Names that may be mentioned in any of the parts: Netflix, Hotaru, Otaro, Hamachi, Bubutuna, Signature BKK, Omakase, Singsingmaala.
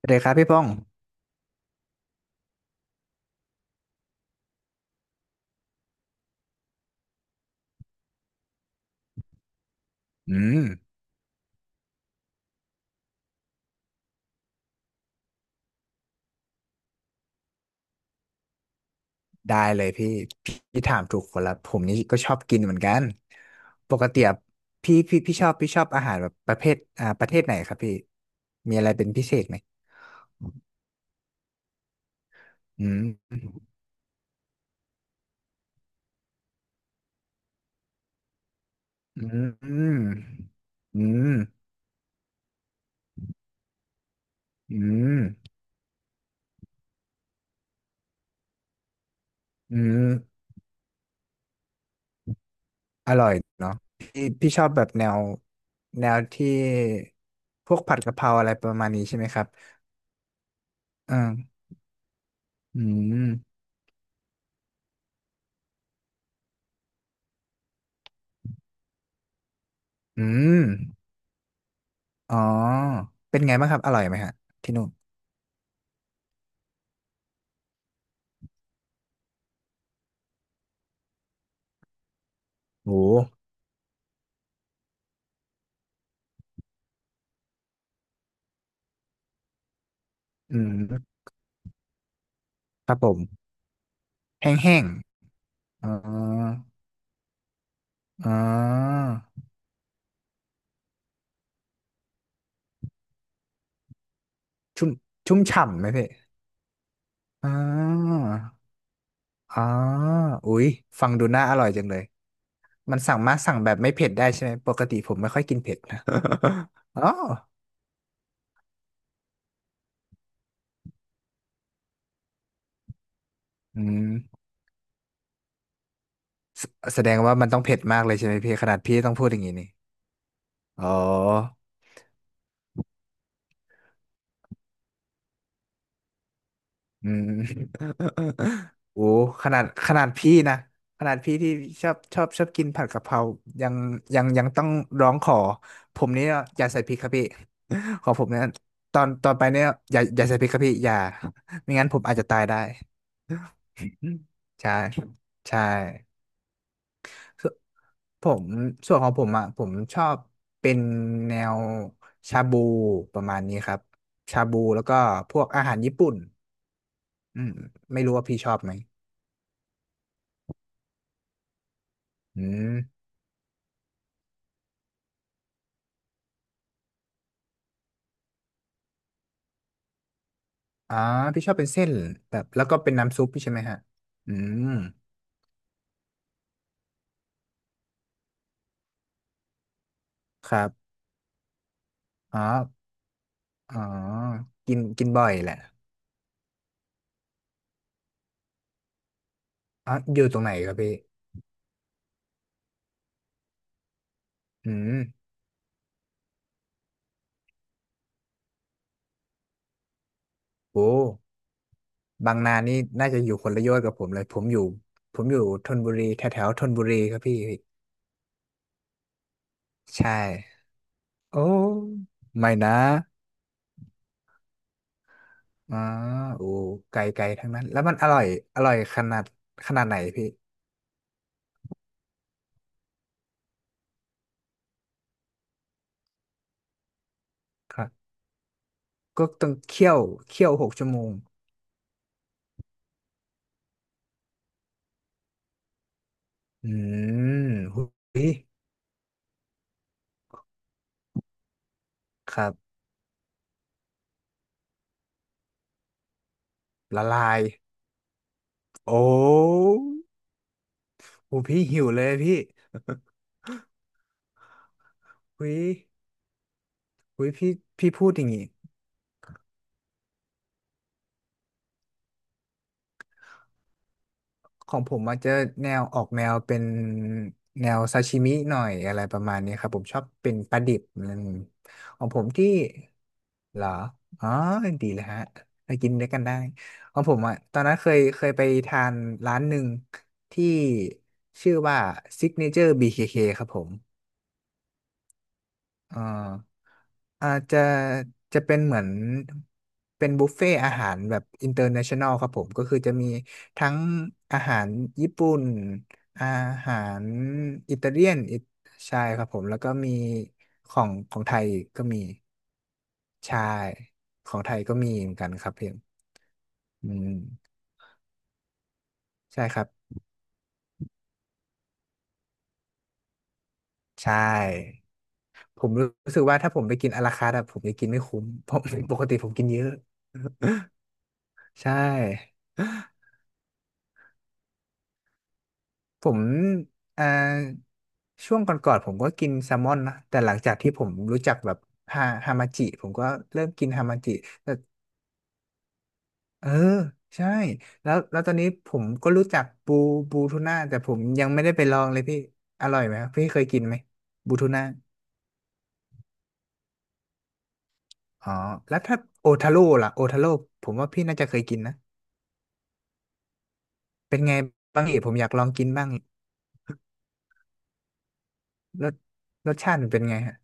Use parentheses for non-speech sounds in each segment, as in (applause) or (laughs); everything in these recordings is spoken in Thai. สวัสดีครับพี่ป้องอืมได้เลยพี่ พี่ถามถูกคนละผมนี่ก็ชอบกินเหมือนกันปกติอะพี่ชอบอาหารแบบประเภทประเทศไหนครับพี่มีอะไรเป็นพิเศษไหมอืมอืมอืมอืมอืมอืมอร่อยเนาะพี่ชอบแบบแนวแนวที่พวกผัดกะเพราอะไรประมาณนี้ใช่ไหมครับเอืมอืมอืมอ๋อเป็นไงบ้างครับอร่อยไหมฮะที่นู่น โอ้โหอืมครับผมแห้งๆอ๋ออ๋อชุ่มชุ่มฉ่ำไหมพี่อ๋ออ๋ออุ๊ยฟังดูน่าอร่อยจังเลย มันสั่งมาสั่งแบบไม่เผ็ดได้ใช่ไหม ปกติผมไม่ค่อยกินเผ็ดนะ (laughs) อ๋อ อืมแสแสดงว่ามันต้องเผ็ดมากเลยใช่ไหมพี่ขนาดพี่ต้องพูดอย่างนี้นี่อ๋อ อืม (laughs) โอ้ขนาดพี่นะขนาดพี่ที่ชอบกินผัดกะเพรายังยังต้องร้องขอผมนี่อย่าใส่พริกครับพี่ (laughs) ของผมเนี่ยตอนตอนไปเนี่ยอย่าใส่พริกครับพี่อย่าไม่งั้นผมอาจจะตายได้อืมใช่ใช่ส่วนผมส่วนของผมอ่ะผมชอบเป็นแนวชาบูประมาณนี้ครับชาบูแล้วก็พวกอาหารญี่ปุ่นอืมไม่รู้ว่าพี่ชอบไหม อืมอ่าพี่ชอบเป็นเส้นแบบแล้วก็เป็นน้ำซุปพี่ใช่ไหมฮะอืมครับ อ๋ออ๋อกินกินบ่อยแหละอ๋อ อยู่ตรงไหนครับพี่อืมโอ้บางนานี่น่าจะอยู่คนละโยชน์กับผมเลย ผมอยู่ ผมอยู่ธนบุรีแถวแถวธนบุรีครับพี่ ใช่ โอ้ไม่นะอ๋อโอ้ไกลไกลทั้งนั้น แล้วมันอร่อย อร่อยขนาดขนาดไหนพี่ครับก็ต้องเคี่ยวเคี่ยว6 ชั่วโมงอืมหุย ครับละลายโอ้โหพี่หิวเลยพี่ (laughs) หุยหุยพี่พี่พูดอย่างงี้ของผมมันจะแนวออกแนวเป็นแนวซาชิมิหน่อยอะไรประมาณนี้ครับผมชอบเป็นปลาดิบอืมของผมที่เหรออ๋อดีเลยฮะไปกินด้วยกันได้ของผมอ่ะตอนนั้นเคยเคยไปทานร้านหนึ่งที่ชื่อว่า Signature BKK คเคครับผม อ่าอาจจะจะเป็นเหมือนเป็นบุฟเฟ่อาหารแบบอินเตอร์เนชั่นแนลครับผมก็คือจะมีทั้งอาหารญี่ปุ่นอาหารอิตาเลียนอิใช่ครับผมแล้วก็มีของของไทยก็มีใช่ของไทยก็มีเหมือนกันครับเพียงอืมใช่ครับใช่ผมรู้สึกว่าถ้าผมไปกินอาราคาร์ทอะผมจะกินไม่คุ้มเพราะ (laughs) ปกติผมกินเยอะใช่ ผมเอ่อช่วงก่อนๆผมก็กินแซลมอนนะแต่หลังจากที่ผมรู้จักแบบฮามาจิผมก็เริ่มกินฮามาจิเออใช่แล้วแล้วตอนนี้ผมก็รู้จักบูบูทูน่าแต่ผมยังไม่ได้ไปลองเลยพี่อร่อยไหมครับพี่เคยกินไหมบูทูน่าอ๋อแล้วถ้าโอทาโร่ล่ะโอทาโร่ผมว่าพี่น่าจะเคยกินนะเป็นไงบ้างเอ๋ผมอยากลองกินบ้างรสรสชาติมันเป็นไงฮะ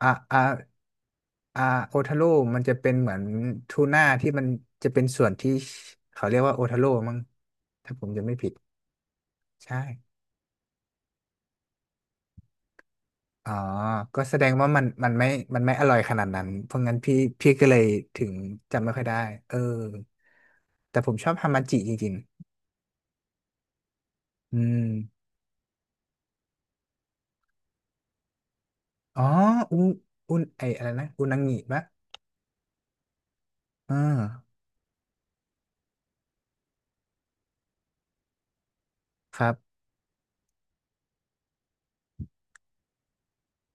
อ่ะอ่ะ อ่าโอทาโร่มันจะเป็นเหมือนทูน่าที่มันจะเป็นส่วนที่เขาเรียกว่าโอทาโร่มั้งถ้าผมจะไม่ผิดใช่อ๋อก็แสดงว่ามันไม่อร่อยขนาดนั้นเพราะงั้นพี่ก็เลยถึงจำไม่ค่อยได้เออแต่ผมชอบฮามาจิจริงๆอืมอ๋ออุนอุนไออะไรนะอุนางิปะอ่าครับ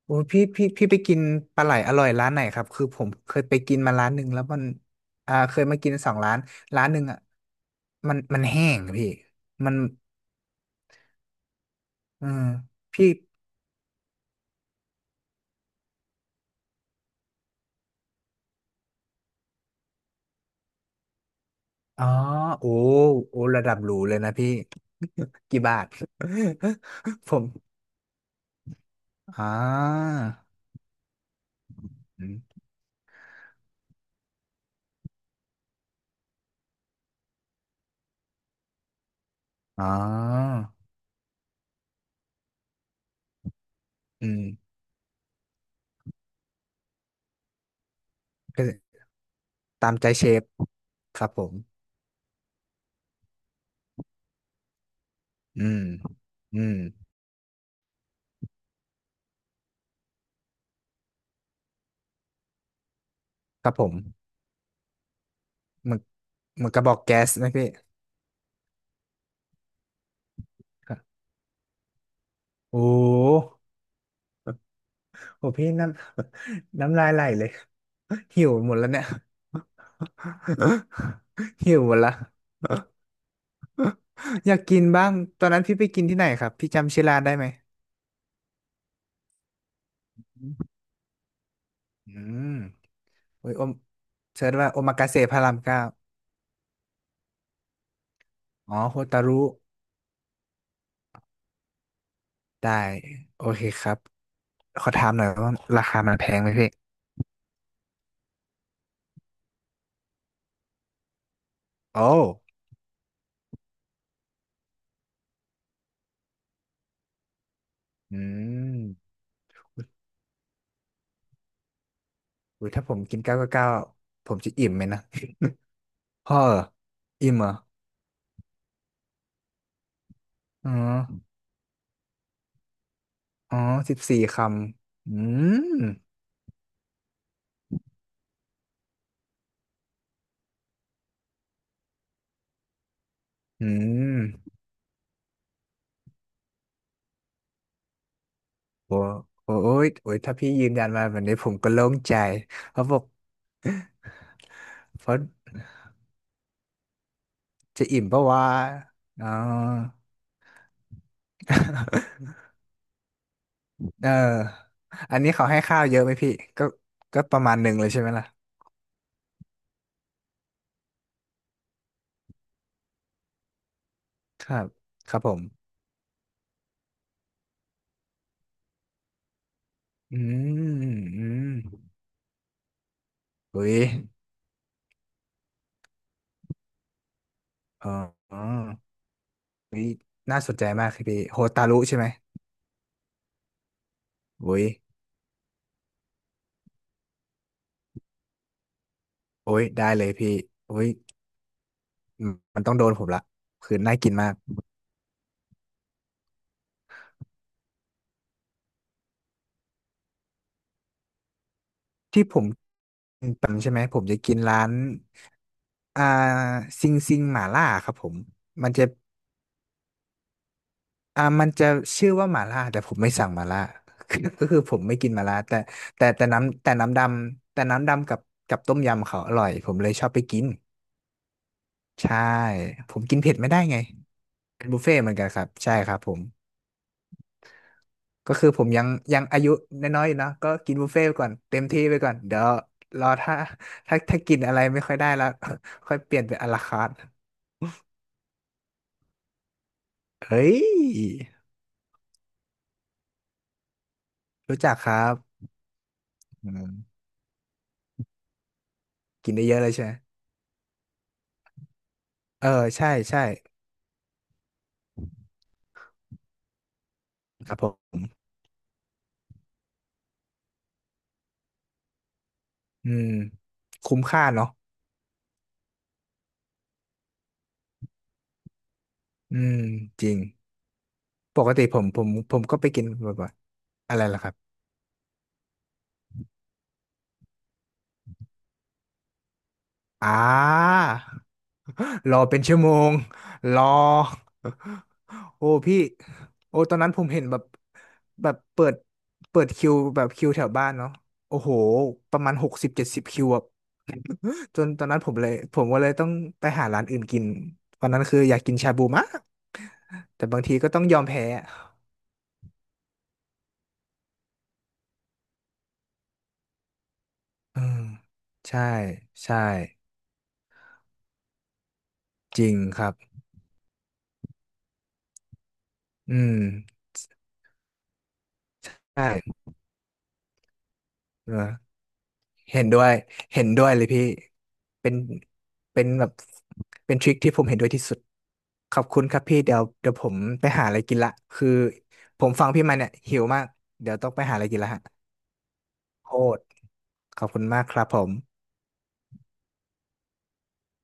โอ้ยพี่ไปกินปลาไหลอร่อยร้านไหนครับคือผมเคยไปกินมาร้านหนึ่งแล้วมันอ่าเคยมากินสองร้านร้านหนึ่งอ่ะมันแห้งอะพี่มันเออพี่อ๋อโอ้โอ้ระดับหรูเลยนะพี่ (laughs) กี่บาท (laughs) ผมอ่าอมอ๋ออืมก็ตามใจเชฟครับผมอืมอืมครับผมหมันมันกระบอกแก๊สนะพี่โอ้ โหพี่น้ำ (laughs) น้ำ (laughs) ลายไหลเลย (laughs) หิวหมดแล้วเนี่ย (laughs) หิวหมดละ (laughs) อยากกินบ้างตอนนั้นพี่ไปกินที่ไหนครับพี่จำชื่อร้านได้ไหมอืมโอ้ยโอมเชิญว่าโอมากาเสะพระรามเก้าอ๋อโฮตารุได้โอเคครับขอถามหน่อยว่าราคามันแพงไหมพี่โอ้อืมอุ้ยถ้าผมกินเก้าเก้าเก้าผมจะอิ่มไหมนะ (laughs) พ่อเหรออิ่มเหรออ๋อ อ๋อ14 คำอืมอืมโอ้โอ้โอ้ยโอ้ยถ้าพี่ยืนยันมาแบบนี้ผมก็โล่งใจ เพราะบอกเพราะจะอิ่มปะวะอ๋อ (laughs) เออ อันนี้เขาให้ข้าวเยอะไหมพี่ก็ก็ประมาณหนึ่งเลยใช่ไหมล่ะ ครับ ครับผมอืมอืมอุ้ยอ๋ออ๋ออุ้ย น่าสนใจมากครับพี่โฮตารุใช่ไหมอุ้ยโอ้ยได้เลยพี่อุ้ยมันต้องโดนผมละคือน่ากินมาก ที่ผมกปะจำใช่ไหมผมจะกินร้านอ่าซิงซิงหม่าล่าครับผมมันจะอ่ามันจะชื่อว่าหม่าล่าแต่ผมไม่สั่งหม่าล่า (laughs) คือก็คือผมไม่กินหม่าล่าแต่น้ำแต่น้ำดำแต่น้ำดำกับกับต้มยำเขาอร่อยผมเลยชอบไปกินใช่ผมกินเผ็ดไม่ได้ไงนะครับใช่ครับผมก็คือผมยังยังอายุน้อยๆอยู่เนอะก็กินบุฟเฟ่ต์ไปก่อนเต็มที่ไปก่อนเดี๋ยวรอถ้าถ้ากินอะไรไม่ค่อยได้แล้ว (laughs) ค่อยเปลี่ยนเป็นอะลาคาร์ท เฮ้ยรู้จักครับอืมกินได้เยอะเลยใช่ไหมเออใช่ใช่ครับผมอืมคุ้มค่าเนาะอืมจริงปกติผมก็ไปกินบ่อยๆอะไรล่ะครับอ่ารอเป็นชั่วโมงรอโอ้พี่โอ้ตอนนั้นผมเห็นแบบแบบเปิดเปิดคิวแบบคิวแถวบ้านเนาะโอ้โหประมาณ60-70คิวอะ จนตอนนั้นผมเลยผมก็เลยต้องไปหาร้านอื่นกินตอนนั้นคืออยากกินชาบูมากแต่บางทีก็ต้องยอมแพ้อะอืมใช่ใช่จริงครับ อืมใช่เออเห็นด้วย เห็นด้วยเลยพี่ เป็น เป็นแบบเป็นทริคที่ผมเห็นด้วยที่สุด ขอบคุณครับพี่ เดี๋ยวเดี๋ยวผมไปหาอะไรกินละคือผมฟังพี่มาเนี่ยหิวมากเดี๋ยวต้องไปหาอะไรกินละฮะโคตรขอบคุณมากครับผม